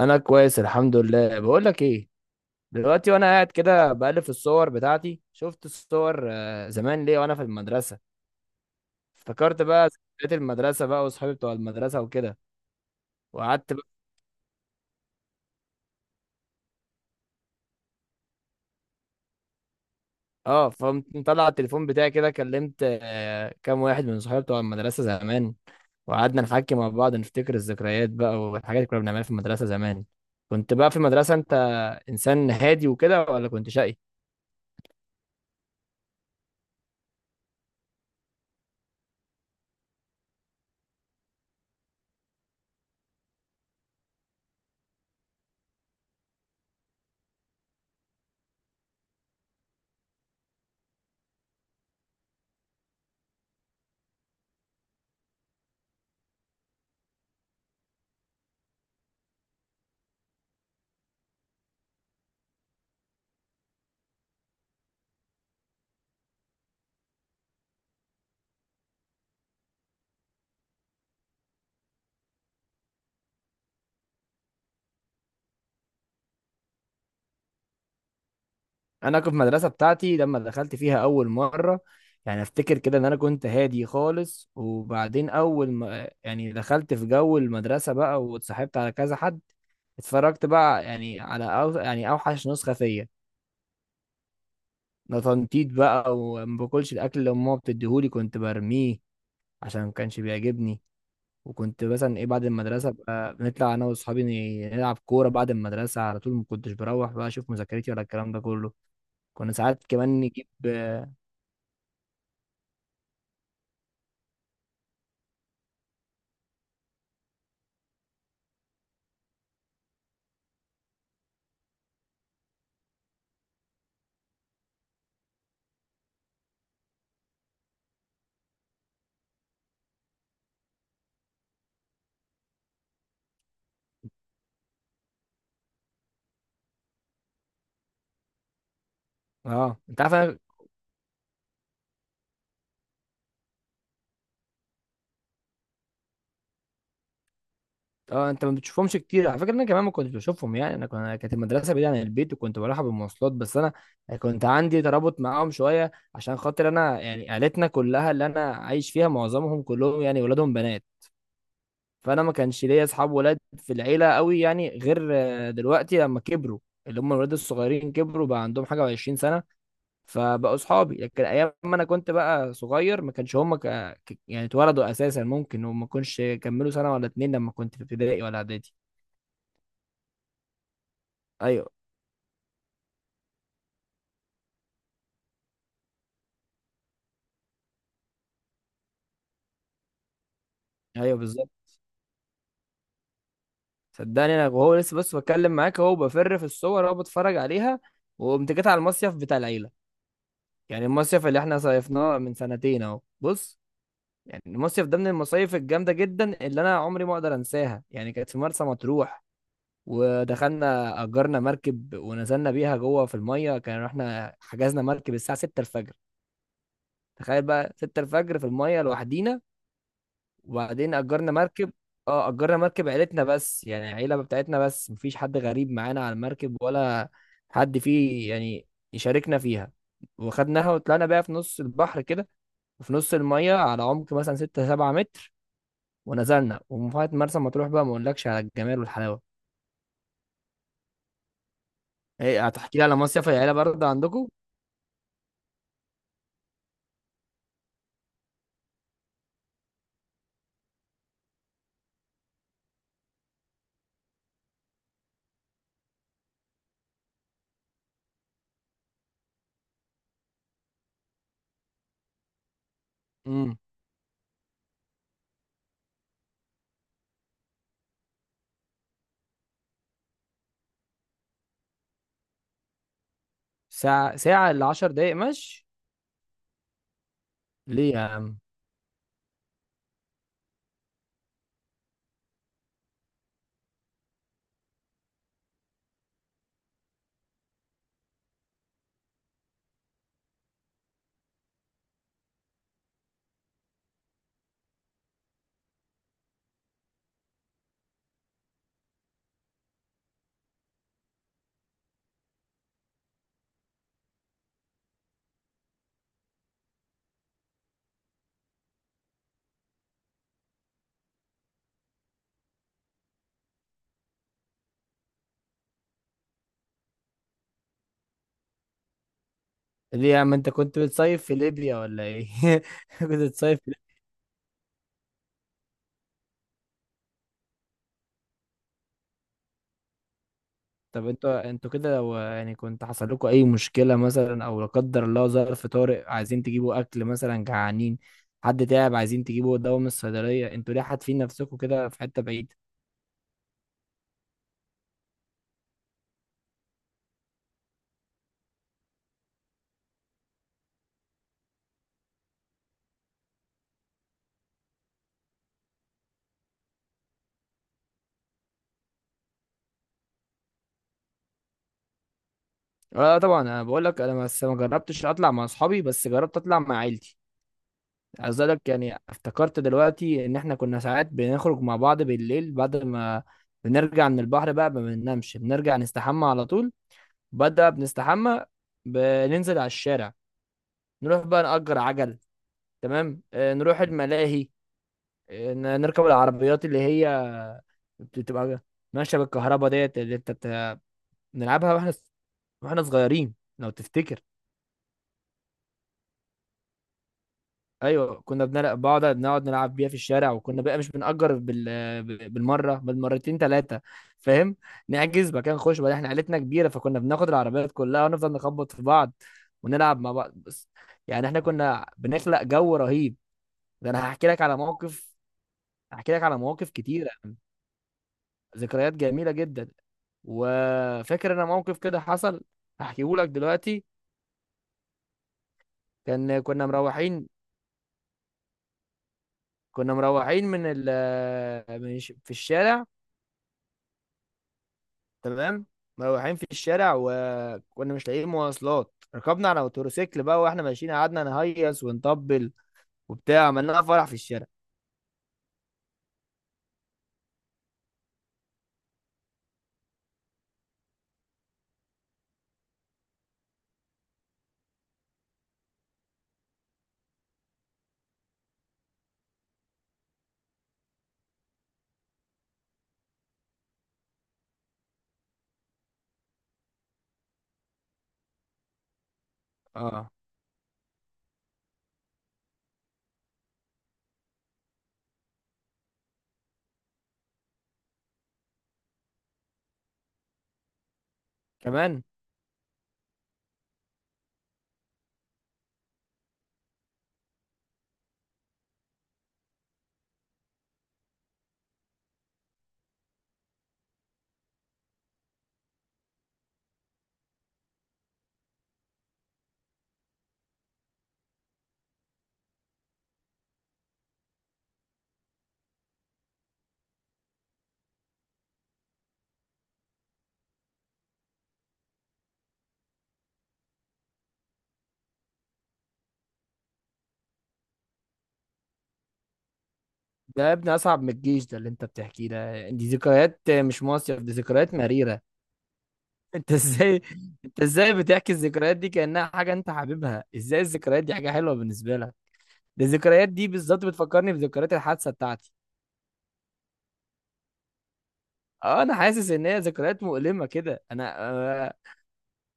انا كويس الحمد لله. بقول لك ايه، دلوقتي وانا قاعد كده بقلب في الصور بتاعتي، شفت الصور زمان ليه وانا في المدرسه. افتكرت بقى ذكريات المدرسه بقى، واصحابي بتوع المدرسه وكده، وقعدت بقى. اه فقمت مطلع التليفون بتاعي كده، كلمت كام واحد من صحابي بتوع المدرسه زمان. وقعدنا نحكي مع بعض، نفتكر الذكريات بقى والحاجات اللي كنا بنعملها في المدرسه زمان. كنت بقى في المدرسه انت، انسان هادي وكده ولا كنت شقي؟ انا كنت في المدرسه بتاعتي لما دخلت فيها اول مره، يعني افتكر كده ان انا كنت هادي خالص. وبعدين اول ما يعني دخلت في جو المدرسه بقى واتصاحبت على كذا حد، اتفرجت بقى يعني على أو يعني اوحش نسخه فيا. ده تنطيط بقى، وما باكلش الاكل اللي امها بتديهولي، كنت برميه عشان ما كانش بيعجبني. وكنت مثلا ايه بعد المدرسه بقى بنطلع انا واصحابي نلعب كوره بعد المدرسه على طول، ما كنتش بروح بقى اشوف مذاكرتي ولا الكلام ده كله. كنا ساعات كمان نجيب. اه انت عارف اه انت ما بتشوفهمش كتير على فكره، انا كمان ما كنتش بشوفهم. يعني انا كانت المدرسه بعيده عن البيت وكنت بروحها بالمواصلات، بس انا كنت عندي ترابط معاهم شويه عشان خاطر انا، يعني عيلتنا كلها اللي انا عايش فيها معظمهم كلهم يعني ولادهم بنات. فانا ما كانش ليا اصحاب ولاد في العيله قوي، يعني غير دلوقتي لما كبروا، اللي هم الولاد الصغيرين كبروا بقى عندهم حاجه و20 سنه، فبقوا صحابي. لكن ايام ما انا كنت بقى صغير ما كانش هم يعني اتولدوا اساسا، ممكن وما كانش كملوا سنه ولا اتنين لما كنت في ابتدائي ولا اعدادي. ايوه، ايوه، بالظبط. صدقني، انا وهو لسه، بس بتكلم معاك اهو، بفر في الصور اهو، بتفرج عليها. وقمت جيت على المصيف بتاع العيله، يعني المصيف اللي احنا صيفناه من سنتين اهو. بص، يعني المصيف ده من المصايف الجامده جدا اللي انا عمري ما اقدر انساها، يعني كانت في مرسى مطروح. ودخلنا أجرنا مركب ونزلنا بيها جوه في المية، كان احنا حجزنا مركب الساعة 6 الفجر. تخيل بقى 6 الفجر في المية لوحدينا. وبعدين أجرنا مركب، اه أجرنا مركب عيلتنا بس، يعني العيلة بتاعتنا بس، مفيش حد غريب معانا على المركب ولا حد فيه يعني يشاركنا فيها. وخدناها وطلعنا بيها في نص البحر كده، وفي نص المية على عمق مثلا 6 7 متر، ونزلنا ومفاهات مرسى مطروح بقى ما اقولكش على الجمال والحلاوة. ايه هتحكي لي على مصيف العيلة برضه عندكم؟ ساعة، ساعة إلا 10 دقايق مشي. ليه يا عم ليه يا عم، انت كنت بتصيف في ليبيا ولا ايه؟ كنت بتصيف في ليبيا. طب انتوا كده، لو يعني كنت حصل لكم اي مشكلة مثلا او لا قدر الله ظرف طارئ، عايزين تجيبوا اكل مثلا جعانين، حد تعب عايزين تجيبوا دواء من الصيدلية، انتوا ليه حاتفين نفسكم كده في حتة بعيدة؟ اه، طبعا انا بقول لك، انا بس ما جربتش اطلع مع اصحابي، بس جربت اطلع مع عيلتي. عايز اقول لك، يعني افتكرت دلوقتي ان احنا كنا ساعات بنخرج مع بعض بالليل بعد ما بنرجع من البحر بقى، ما بننامش، بنرجع نستحمى على طول. بدأ بنستحمى، بننزل على الشارع، نروح بقى نأجر عجل. تمام، نروح الملاهي. نركب العربيات اللي هي بتبقى ماشية بالكهرباء ديت اللي انت بنلعبها واحنا صغيرين لو تفتكر. ايوه كنا بنلعب، نقعد نلعب بيها في الشارع، وكنا بقى مش بنأجر بالمره بالمرتين ثلاثه، فاهم؟ نحجز مكان خش بقى، احنا عيلتنا كبيره فكنا بناخد العربيات كلها ونفضل نخبط في بعض ونلعب مع بعض بس. يعني احنا كنا بنخلق جو رهيب. ده انا هحكي لك على موقف، هحكي لك على مواقف كتيره. ذكريات جميله جدا. وفاكر انا موقف كده حصل، هحكيه لك دلوقتي. كنا مروحين، كنا مروحين من ال من الش- في الشارع. تمام، مروحين في الشارع، وكنا مش لاقيين مواصلات، ركبنا على موتوسيكل بقى واحنا ماشيين، قعدنا نهيص ونطبل وبتاع، عملنا فرح في الشارع. اه، كمان. ده يا ابني اصعب من الجيش، ده اللي انت بتحكيه ده، دي ذكريات مش مصيف، دي ذكريات مريرة. انت ازاي انت ازاي بتحكي الذكريات دي كأنها حاجة انت حاببها، ازاي الذكريات دي حاجة حلوة بالنسبة لك؟ ده الذكريات دي بالظبط بتفكرني بذكريات الحادثة بتاعتي. اه، انا حاسس ان هي ذكريات مؤلمة كده. انا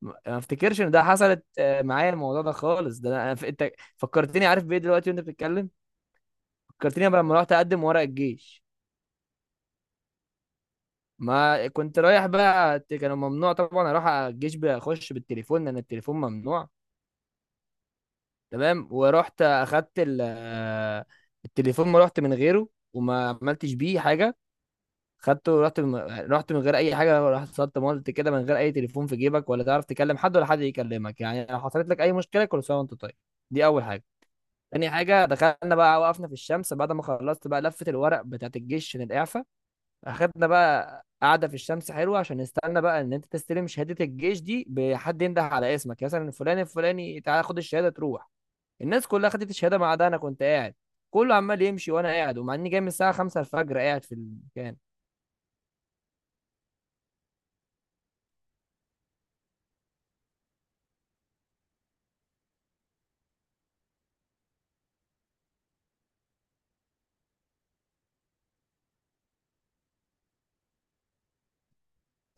ما افتكرش ان ده حصلت معايا الموضوع ده خالص. ده انا، انت فكرتني، عارف بايه دلوقتي وانت بتتكلم؟ فكرتني بقى لما رحت اقدم ورق الجيش. ما كنت رايح بقى كانوا ممنوع طبعا اروح الجيش اخش بالتليفون، لان التليفون ممنوع. تمام، ورحت اخدت التليفون، ما رحت من غيره وما عملتش بيه حاجه، خدته. رحت من غير اي حاجه، رحت صدت مولت كده من غير اي تليفون في جيبك، ولا تعرف تكلم حد ولا حد يكلمك. يعني لو حصلت لك اي مشكله، كل سنه وانت طيب. دي اول حاجه. تاني حاجة، دخلنا بقى وقفنا في الشمس بعد ما خلصت بقى لفة الورق بتاعت الجيش عشان الإعفاء. أخدنا بقى قعدة في الشمس حلوة عشان نستنى بقى إن أنت تستلم شهادة الجيش دي، بحد ينده على اسمك مثلا فلان الفلاني تعالى خد الشهادة تروح. الناس كلها خدت الشهادة ما عدا أنا، كنت قاعد، كله عمال يمشي وأنا قاعد، ومع إني جاي من الساعة 5 الفجر قاعد في المكان.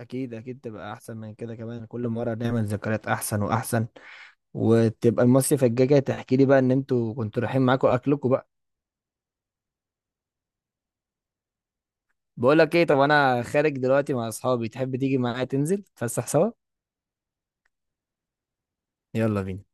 أكيد أكيد تبقى أحسن من كده كمان، كل مرة نعمل ذكريات أحسن وأحسن. وتبقى المصيف الجاي جاي تحكي لي بقى إن أنتوا كنتوا رايحين معاكوا أكلكم. بقول لك ايه؟ طب انا خارج دلوقتي مع اصحابي، تحب تيجي معايا تنزل تفسح سوا؟ يلا بينا.